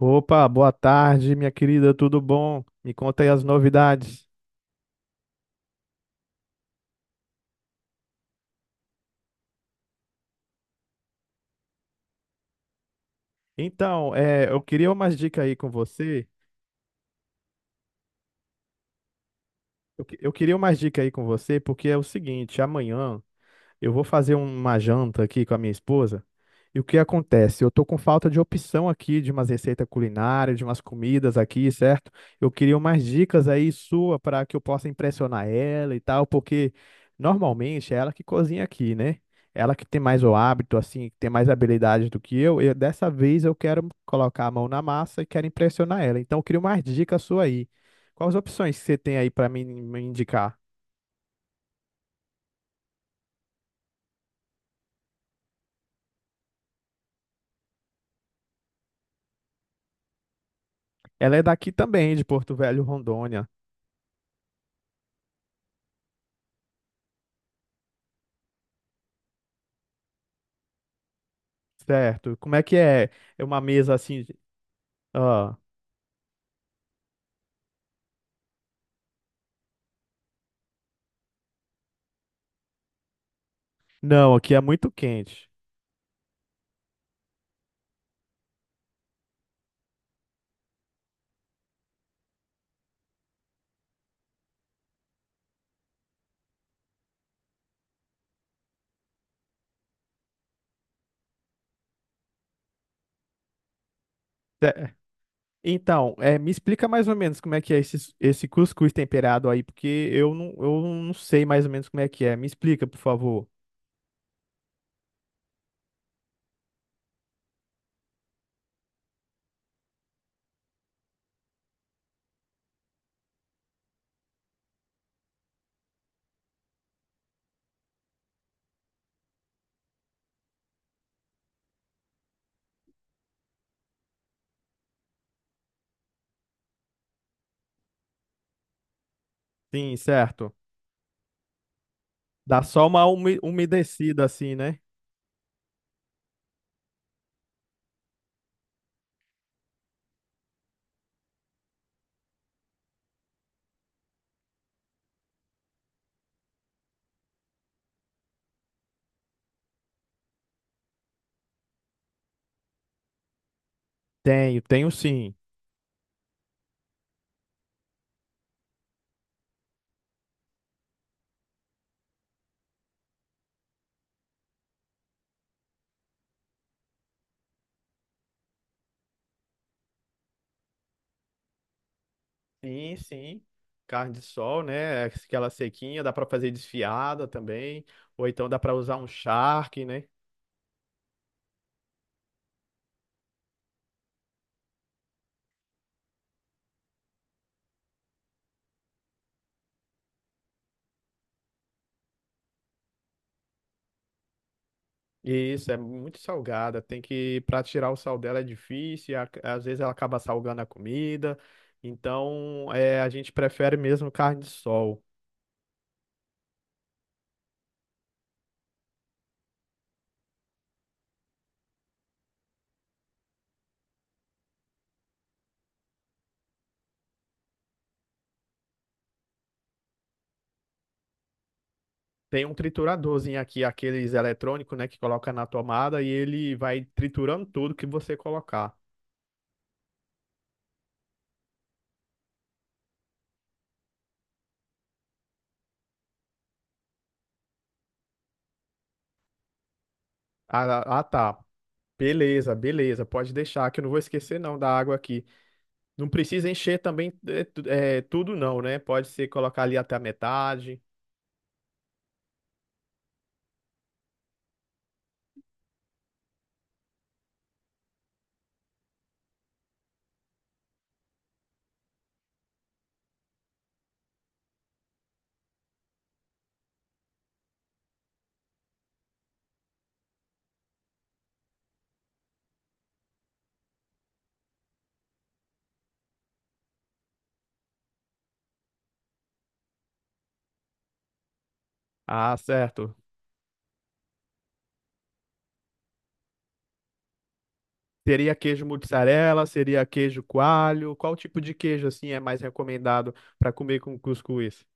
Opa, boa tarde, minha querida, tudo bom? Me conta aí as novidades. Eu queria umas dicas aí com você. Eu queria umas dicas aí com você, porque é o seguinte, amanhã eu vou fazer uma janta aqui com a minha esposa. E o que acontece? Eu tô com falta de opção aqui, de umas receitas culinárias, de umas comidas aqui, certo? Eu queria umas dicas aí sua para que eu possa impressionar ela e tal, porque normalmente é ela que cozinha aqui, né? Ela que tem mais o hábito, assim, que tem mais habilidade do que eu. E dessa vez eu quero colocar a mão na massa e quero impressionar ela. Então eu queria umas dicas sua aí. Quais opções que você tem aí para me indicar? Ela é daqui também, de Porto Velho, Rondônia. Certo. Como é que é? É uma mesa assim. Ah, não, aqui é muito quente. Ce- Então, me explica mais ou menos como é que é esse cuscuz temperado aí, porque eu não sei mais ou menos como é que é. Me explica, por favor. Sim, certo. Dá só uma umedecida assim, né? Tenho, tenho sim. Sim, sim. Carne de sol, né? É aquela sequinha, dá para fazer desfiada também, ou então dá para usar um charque, né? Isso, é muito salgada. Para tirar o sal dela é difícil, e às vezes ela acaba salgando a comida. Então, a gente prefere mesmo carne de sol. Tem um trituradorzinho aqui, aqueles eletrônicos, né, que coloca na tomada e ele vai triturando tudo que você colocar. Ah, ah, tá. Beleza, beleza, pode deixar que eu não vou esquecer não da água aqui. Não precisa encher também tudo não, né? Pode ser colocar ali até a metade. Ah, certo. Seria queijo mussarela, seria queijo coalho. Qual tipo de queijo assim é mais recomendado para comer com cuscuz?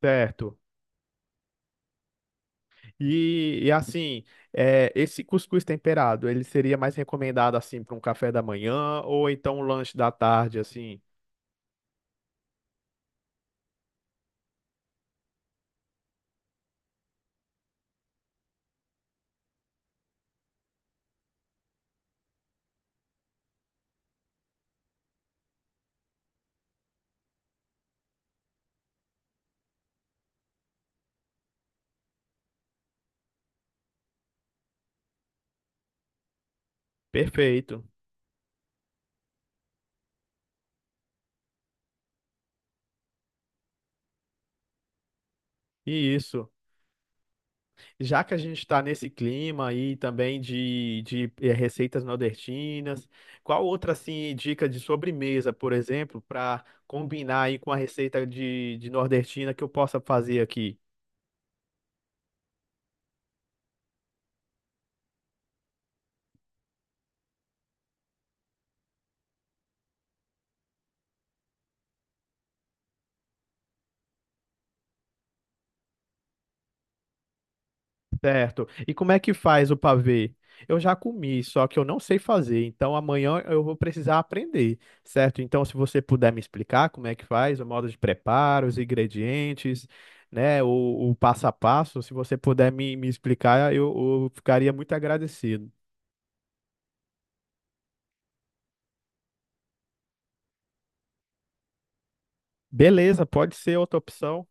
Certo. E, e assim, Esse cuscuz temperado, ele seria mais recomendado assim para um café da manhã ou então um lanche da tarde, assim. Perfeito. E isso. Já que a gente está nesse clima aí também de receitas nordestinas, qual outra assim dica de sobremesa, por exemplo, para combinar aí com a receita de nordestina que eu possa fazer aqui? Certo. E como é que faz o pavê? Eu já comi, só que eu não sei fazer, então amanhã eu vou precisar aprender, certo? Então, se você puder me explicar como é que faz, o modo de preparo, os ingredientes, né, o passo a passo, se você puder me explicar, eu ficaria muito agradecido. Beleza, pode ser outra opção,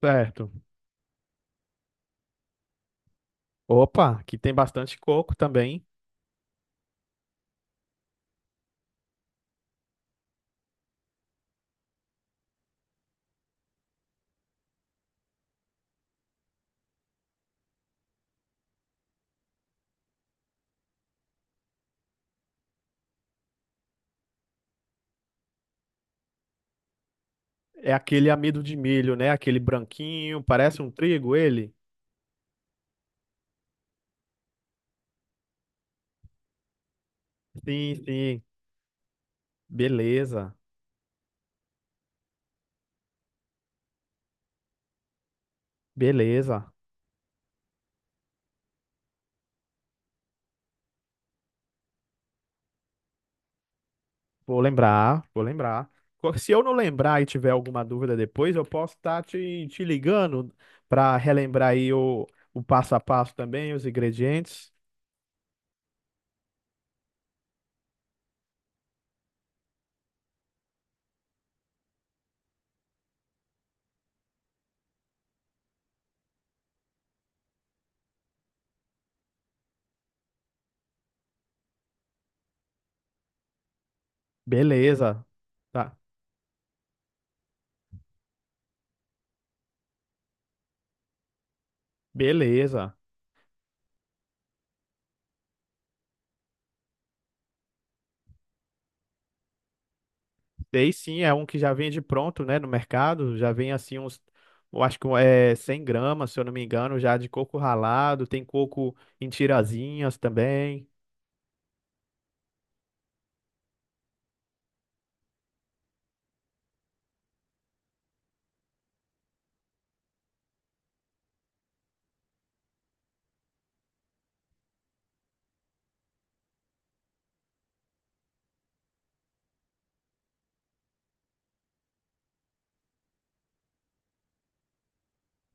certo? Opa, aqui tem bastante coco também. É aquele amido de milho, né? Aquele branquinho, parece um trigo ele? Sim, sim. Beleza. Beleza. Vou lembrar, vou lembrar. Se eu não lembrar e tiver alguma dúvida depois, eu posso estar te ligando para relembrar aí o passo a passo também, os ingredientes. Beleza. Tá. Beleza. Sei sim, é um que já vende pronto, né, no mercado. Já vem assim uns, eu acho que é 100 g, se eu não me engano, já de coco ralado. Tem coco em tirazinhas também.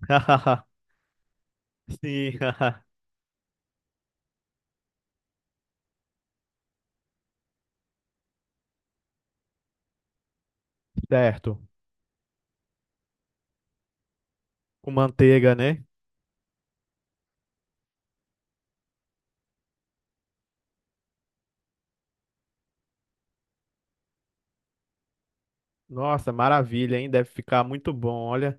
Sim, certo. Com manteiga, né? Nossa, maravilha, hein? Deve ficar muito bom. Olha,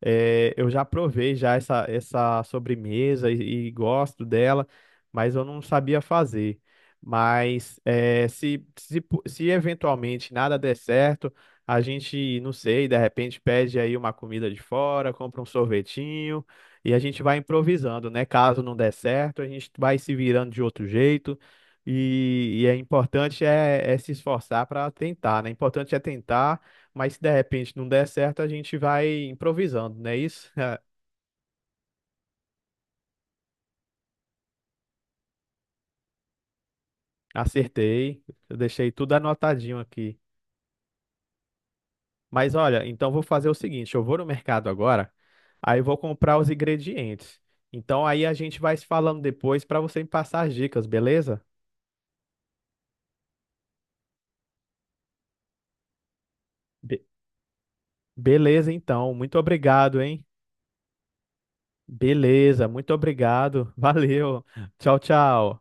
eu já provei já essa sobremesa e gosto dela, mas eu não sabia fazer. Mas se eventualmente nada der certo, a gente, não sei, de repente pede aí uma comida de fora, compra um sorvetinho e a gente vai improvisando, né? Caso não der certo, a gente vai se virando de outro jeito. É se esforçar para tentar, né? Importante é tentar, mas se de repente não der certo, a gente vai improvisando, não é isso? Acertei, eu deixei tudo anotadinho aqui. Mas olha, então vou fazer o seguinte: eu vou no mercado agora, aí eu vou comprar os ingredientes. Então aí a gente vai se falando depois para você me passar as dicas, beleza? Be- Beleza, então. Muito obrigado, hein? Beleza, muito obrigado. Valeu. Tchau, tchau.